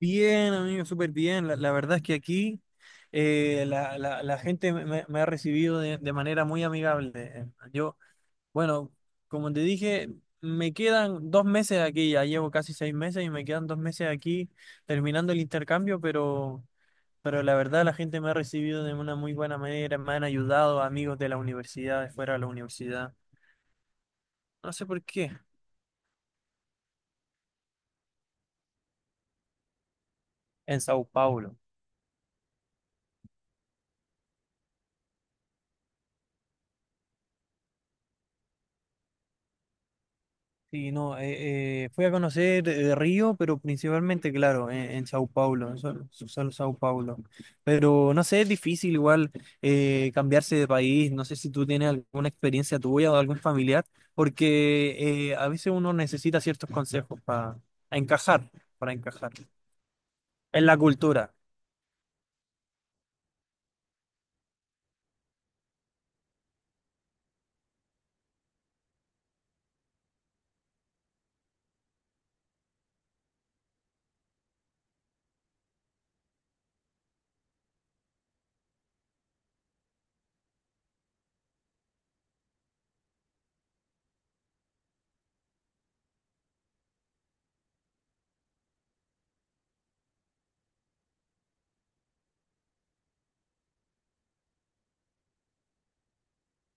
Bien, amigo, súper bien. La verdad es que aquí la gente me ha recibido de manera muy amigable. Yo, bueno, como te dije, me quedan 2 meses aquí, ya llevo casi 6 meses y me quedan 2 meses aquí terminando el intercambio, pero la verdad la gente me ha recibido de una muy buena manera, me han ayudado amigos de la universidad, de fuera de la universidad. No sé por qué, en Sao Paulo. Sí, no, fui a conocer Río, pero principalmente, claro, en Sao Paulo, en solo Sao Paulo. Pero no sé, es difícil igual cambiarse de país, no sé si tú tienes alguna experiencia tuya o de algún familiar, porque a veces uno necesita ciertos consejos para encajar, para encajar en la cultura,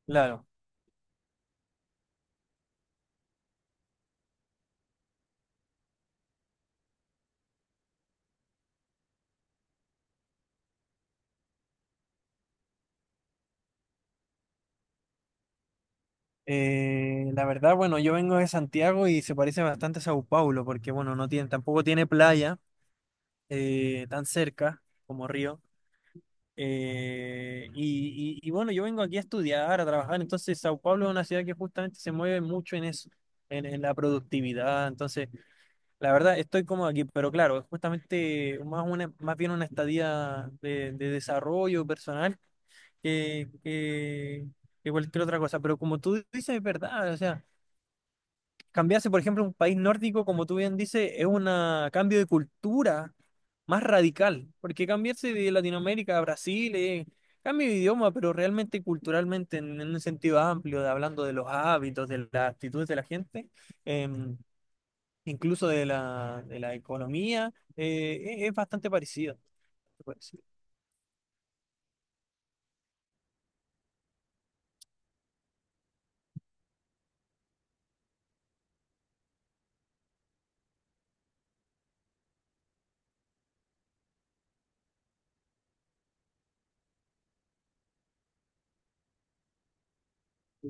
claro. La verdad, bueno, yo vengo de Santiago y se parece bastante a Sao Paulo, porque bueno, tampoco tiene playa tan cerca como Río. Y bueno, yo vengo aquí a estudiar, a trabajar, entonces Sao Paulo es una ciudad que justamente se mueve mucho en eso, en la productividad, entonces la verdad estoy cómodo aquí, pero claro, es justamente más bien una estadía de desarrollo personal que, que, que cualquier otra cosa, pero como tú dices, es verdad, o sea. Cambiarse, por ejemplo, a un país nórdico, como tú bien dices, es un cambio de cultura más radical, porque cambiarse de Latinoamérica a Brasil es cambio de idioma, pero realmente culturalmente, en un sentido amplio, hablando de los hábitos, de las actitudes de la gente, eh, incluso de la economía, es bastante parecido. Se puede decir.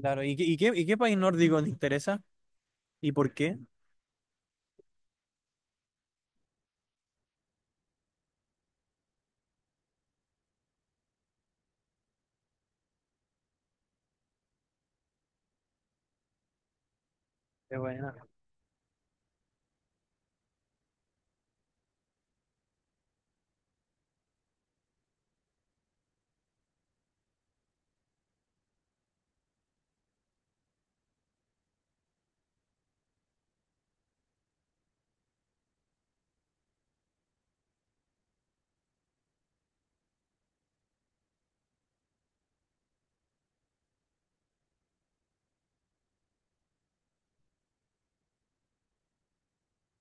Claro, ¿y qué, y qué, y qué país nórdico te interesa? ¿Y por qué? Qué buena.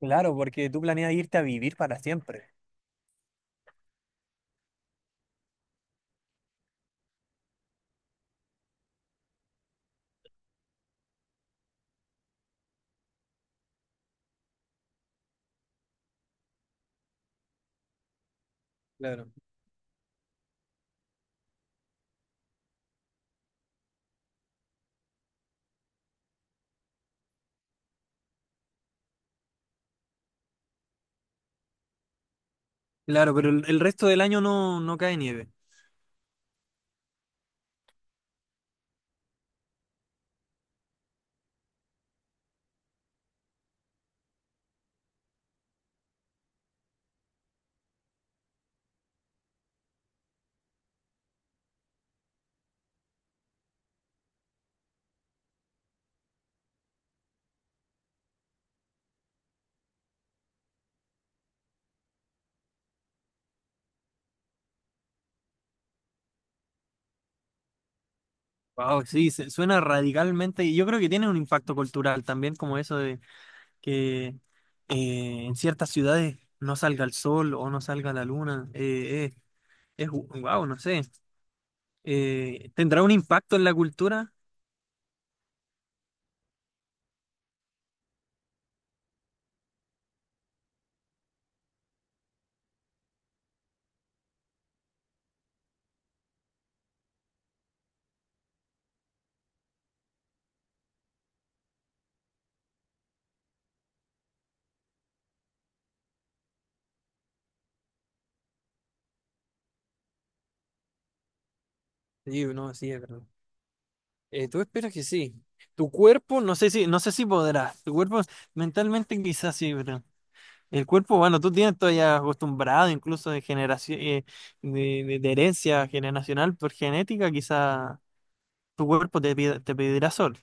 Claro, porque tú planeas irte a vivir para siempre. Claro. Claro, pero el resto del año no, no cae nieve. Wow, sí, suena radicalmente. Y yo creo que tiene un impacto cultural también, como eso de que en ciertas ciudades no salga el sol o no salga la luna. Es wow, no sé. ¿Tendrá un impacto en la cultura? Sí, no, sí, es verdad. Tú esperas que sí. Tu cuerpo, no sé si, no sé si podrás. Tu cuerpo mentalmente quizás sí, ¿verdad? El cuerpo bueno tú tienes todavía acostumbrado incluso de generación, de herencia generacional por genética, quizá tu cuerpo te pedirá sol.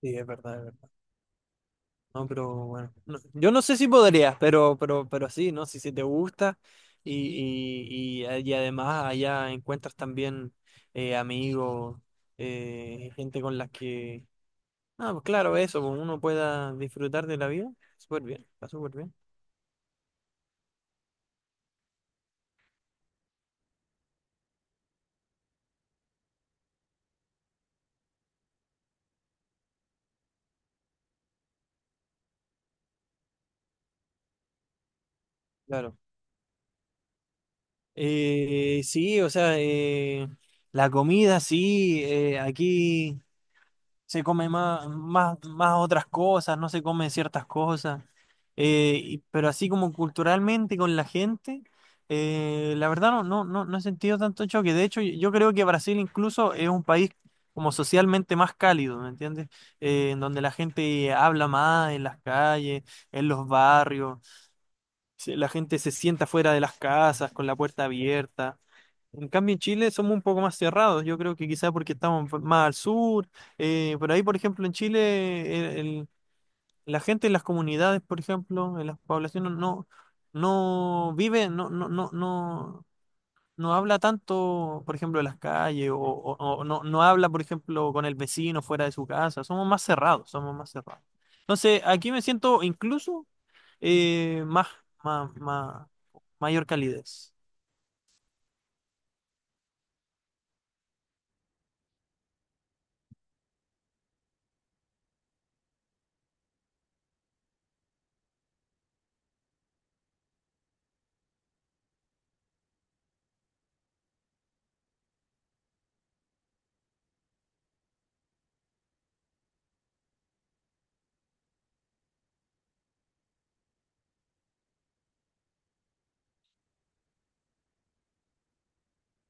Sí, es verdad, es verdad. No, pero bueno, yo no sé si podrías, pero sí, ¿no? Si, si te gusta y además allá encuentras también amigos, gente con las que, ah, pues claro, eso, pues uno pueda disfrutar de la vida, súper bien, está súper bien. Claro. Sí, o sea, la comida, sí, aquí se come más otras cosas, no se comen ciertas cosas, pero así como culturalmente con la gente, la verdad no he sentido tanto choque. De hecho, yo creo que Brasil incluso es un país como socialmente más cálido, ¿me entiendes? En donde la gente habla más en las calles, en los barrios, la gente se sienta fuera de las casas con la puerta abierta. En cambio, en Chile somos un poco más cerrados. Yo creo que quizás porque estamos más al sur. Por ahí, por ejemplo, en Chile, la gente en las comunidades, por ejemplo, en las poblaciones, no, no vive, no, no, no, no, no habla tanto, por ejemplo, en las calles, o no, no habla, por ejemplo, con el vecino fuera de su casa. Somos más cerrados, somos más cerrados. Entonces, aquí me siento incluso eh, más, más, mayor calidez.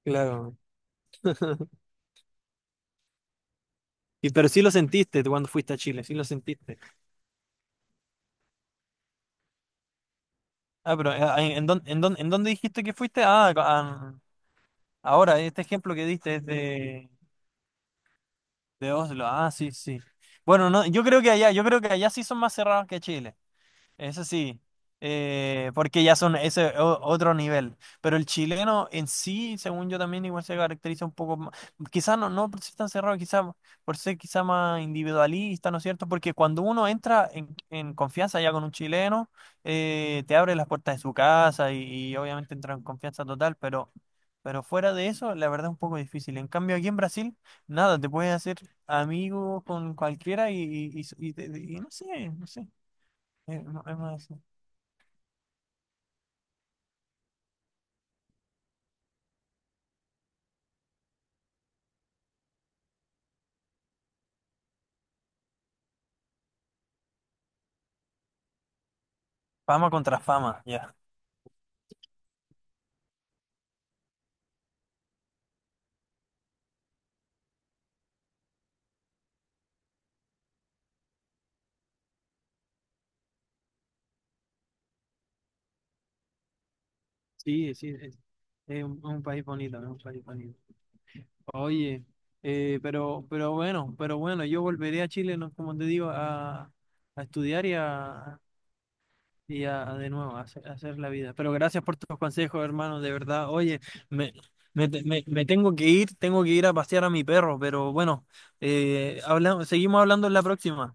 Claro, y, pero sí lo sentiste tú cuando fuiste a Chile, sí lo sentiste. Ah, pero en dónde dijiste que fuiste? Ah, este ejemplo que diste es de Oslo. Ah, sí, sí. Bueno, no, yo creo que allá, yo creo que allá sí son más cerrados que Chile. Eso sí, porque ya son otro nivel. Pero el chileno en sí, según yo también, igual se caracteriza un poco más. Quizás no, no por ser tan cerrado, quizás por ser quizá más individualista, ¿no es cierto? Porque cuando uno entra en confianza ya con un chileno, te abre las puertas de su casa y obviamente entra en confianza total, pero fuera de eso, la verdad es un poco difícil. En cambio, aquí en Brasil, nada, te puedes hacer amigo con cualquiera y no sé, no sé. Es, Fama contra fama, ya. Sí, es un país bonito, es un país bonito. Oye, pero bueno, yo volveré a Chile, ¿no? Como te digo, a estudiar a de nuevo, a hacer la vida. Pero gracias por tus consejos, hermano, de verdad. Oye, me, me tengo que ir a pasear a mi perro, pero bueno, seguimos hablando en la próxima.